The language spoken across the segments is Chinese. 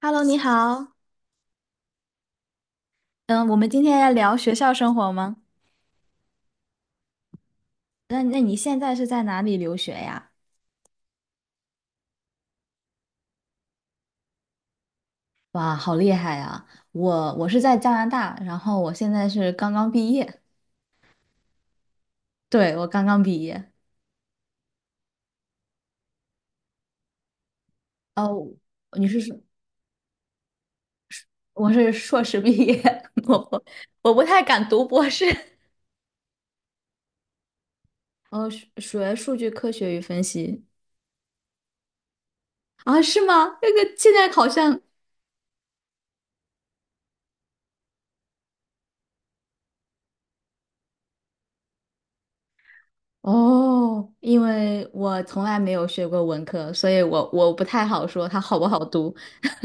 Hello，你好。嗯，我们今天要聊学校生活吗？那你现在是在哪里留学呀？哇，好厉害呀！我是在加拿大，然后我现在是刚刚毕业。对，我刚刚毕业。哦，你是说我是硕士毕业？我不我不太敢读博士。哦，学数据科学与分析。啊，是吗？那个现在好像。哦，因为我从来没有学过文科，所以我不太好说它好不好读。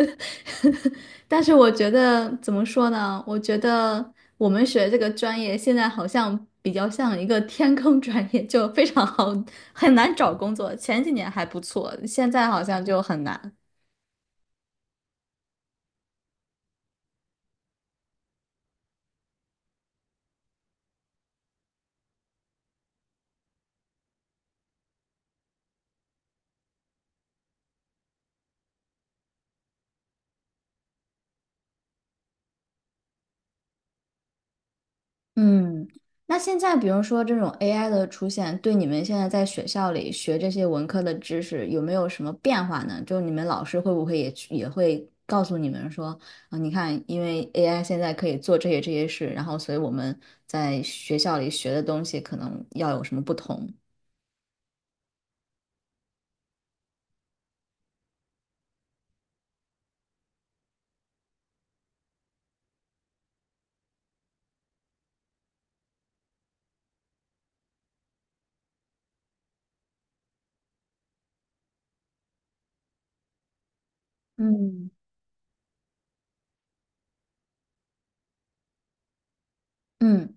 但是我觉得怎么说呢？我觉得我们学这个专业现在好像比较像一个天坑专业，就非常好，很难找工作。前几年还不错，现在好像就很难。嗯，那现在比如说这种 AI 的出现，对你们现在在学校里学这些文科的知识有没有什么变化呢？就你们老师会不会也会告诉你们说，啊，你看，因为 AI 现在可以做这些事，然后所以我们在学校里学的东西可能要有什么不同？嗯嗯。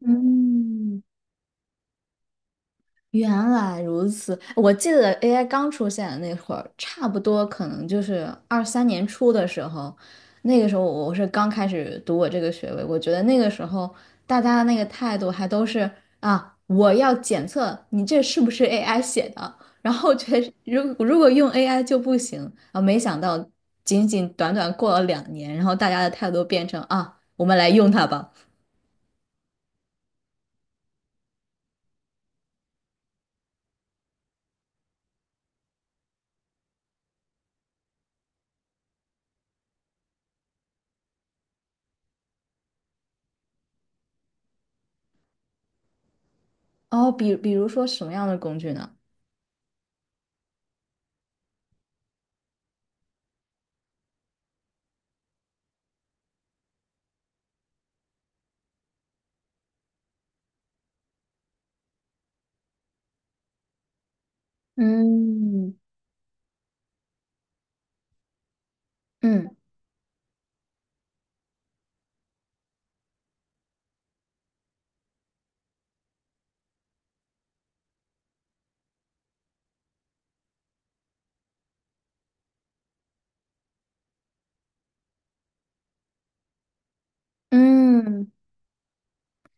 嗯。原来如此，我记得 AI 刚出现的那会儿，差不多可能就是23年初的时候，那个时候我是刚开始读我这个学位，我觉得那个时候大家的那个态度还都是啊，我要检测你这是不是 AI 写的，然后觉得如果用 AI 就不行啊，没想到仅仅短短过了2年，然后大家的态度变成啊，我们来用它吧。哦，比如说什么样的工具呢？嗯，嗯。嗯，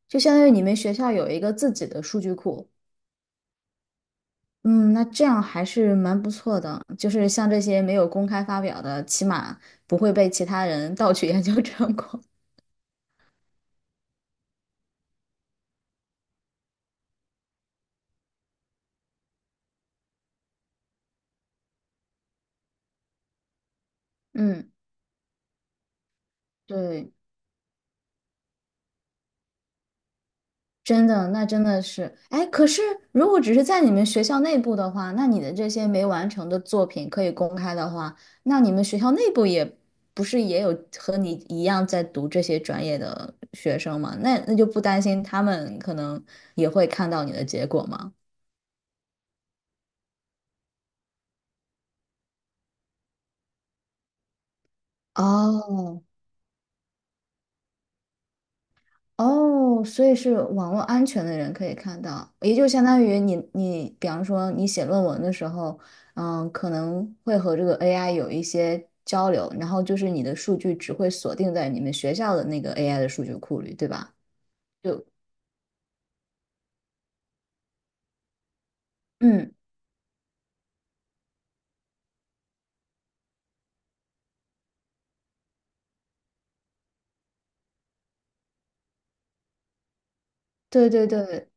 就相当于你们学校有一个自己的数据库。嗯，那这样还是蛮不错的，就是像这些没有公开发表的，起码不会被其他人盗取研究成果。嗯，对。真的，那真的是，哎，可是如果只是在你们学校内部的话，那你的这些没完成的作品可以公开的话，那你们学校内部也不是也有和你一样在读这些专业的学生吗？那就不担心他们可能也会看到你的结果吗？哦，哦，所以是网络安全的人可以看到，也就相当于你，比方说你写论文的时候，嗯，可能会和这个 AI 有一些交流，然后就是你的数据只会锁定在你们学校的那个 AI 的数据库里，对吧？就嗯，对对对，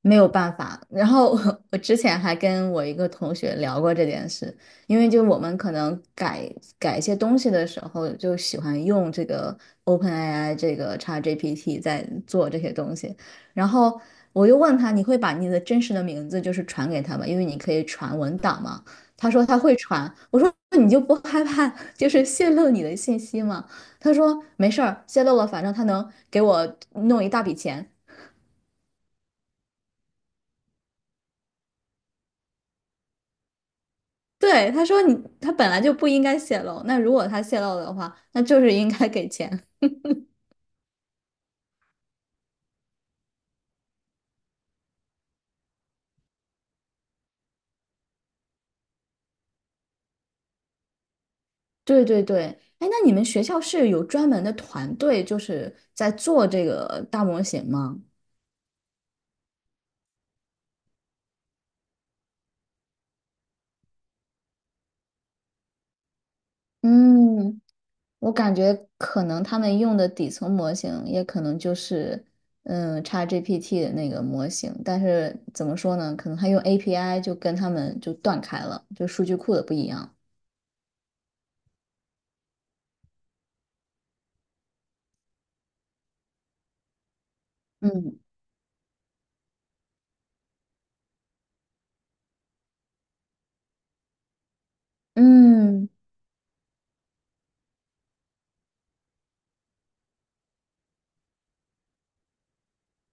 没有办法。然后我之前还跟我一个同学聊过这件事，因为就我们可能改一些东西的时候，就喜欢用这个 OpenAI 这个 ChatGPT 在做这些东西。然后我又问他，你会把你的真实的名字就是传给他吗？因为你可以传文档嘛。他说他会传，我说那你就不害怕就是泄露你的信息吗？他说没事儿，泄露了，反正他能给我弄一大笔钱。对，他说你他本来就不应该泄露，那如果他泄露的话，那就是应该给钱。对对对，哎，那你们学校是有专门的团队，就是在做这个大模型吗？嗯，我感觉可能他们用的底层模型，也可能就是ChatGPT 的那个模型，但是怎么说呢？可能他用 API 就跟他们就断开了，就数据库的不一样。嗯嗯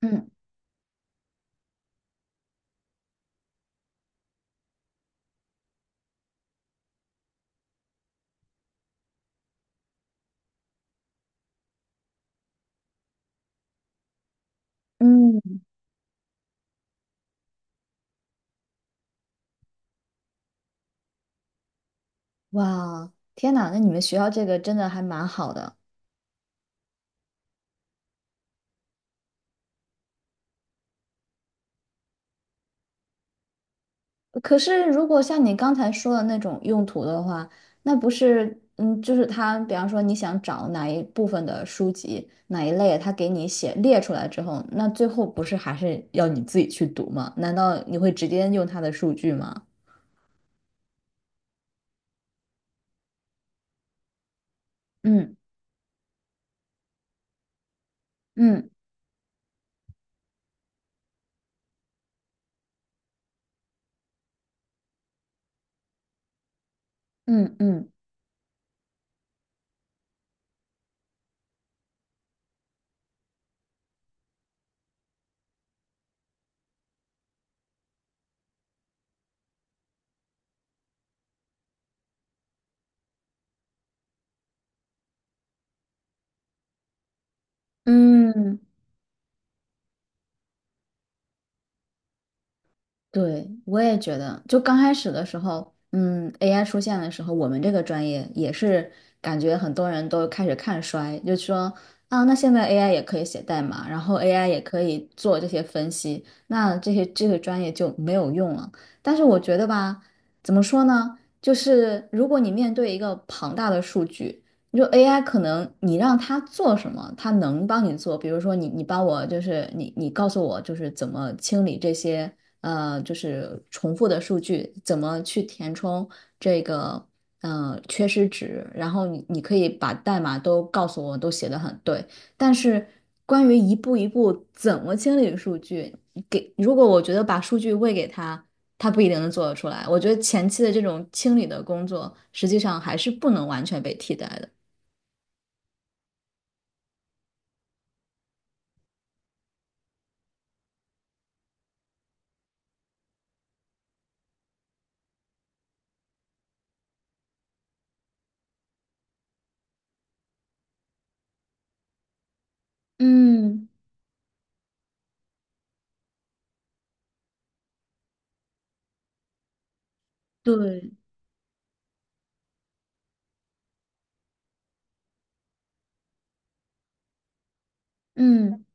嗯嗯。哇，天哪，那你们学校这个真的还蛮好的。可是，如果像你刚才说的那种用途的话，那不是，嗯，就是他，比方说你想找哪一部分的书籍，哪一类，他给你写列出来之后，那最后不是还是要你自己去读吗？难道你会直接用他的数据吗？嗯嗯嗯嗯嗯。对，我也觉得，就刚开始的时候，嗯，AI 出现的时候，我们这个专业也是感觉很多人都开始看衰，就说啊，那现在 AI 也可以写代码，然后 AI 也可以做这些分析，那这些这个专业就没有用了。但是我觉得吧，怎么说呢？就是如果你面对一个庞大的数据，你说 AI 可能你让它做什么，它能帮你做。比如说你帮我就是你告诉我就是怎么清理这些。就是重复的数据，怎么去填充这个缺失值，然后你可以把代码都告诉我，都写得很对，但是关于一步一步怎么清理数据，给如果我觉得把数据喂给他，他不一定能做得出来。我觉得前期的这种清理的工作，实际上还是不能完全被替代的。嗯，对，嗯。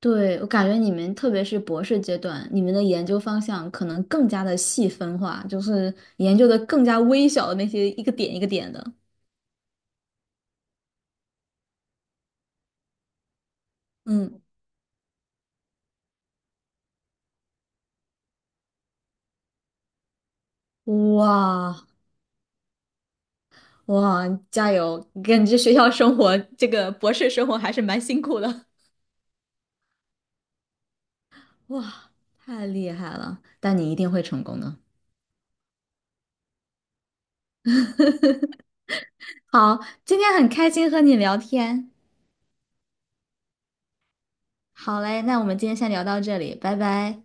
对，我感觉你们特别是博士阶段，你们的研究方向可能更加的细分化，就是研究的更加微小的那些一个点一个点的。嗯，哇哇，加油！感觉学校生活这个博士生活还是蛮辛苦的。哇，太厉害了！但你一定会成功的。好，今天很开心和你聊天。好嘞，那我们今天先聊到这里，拜拜。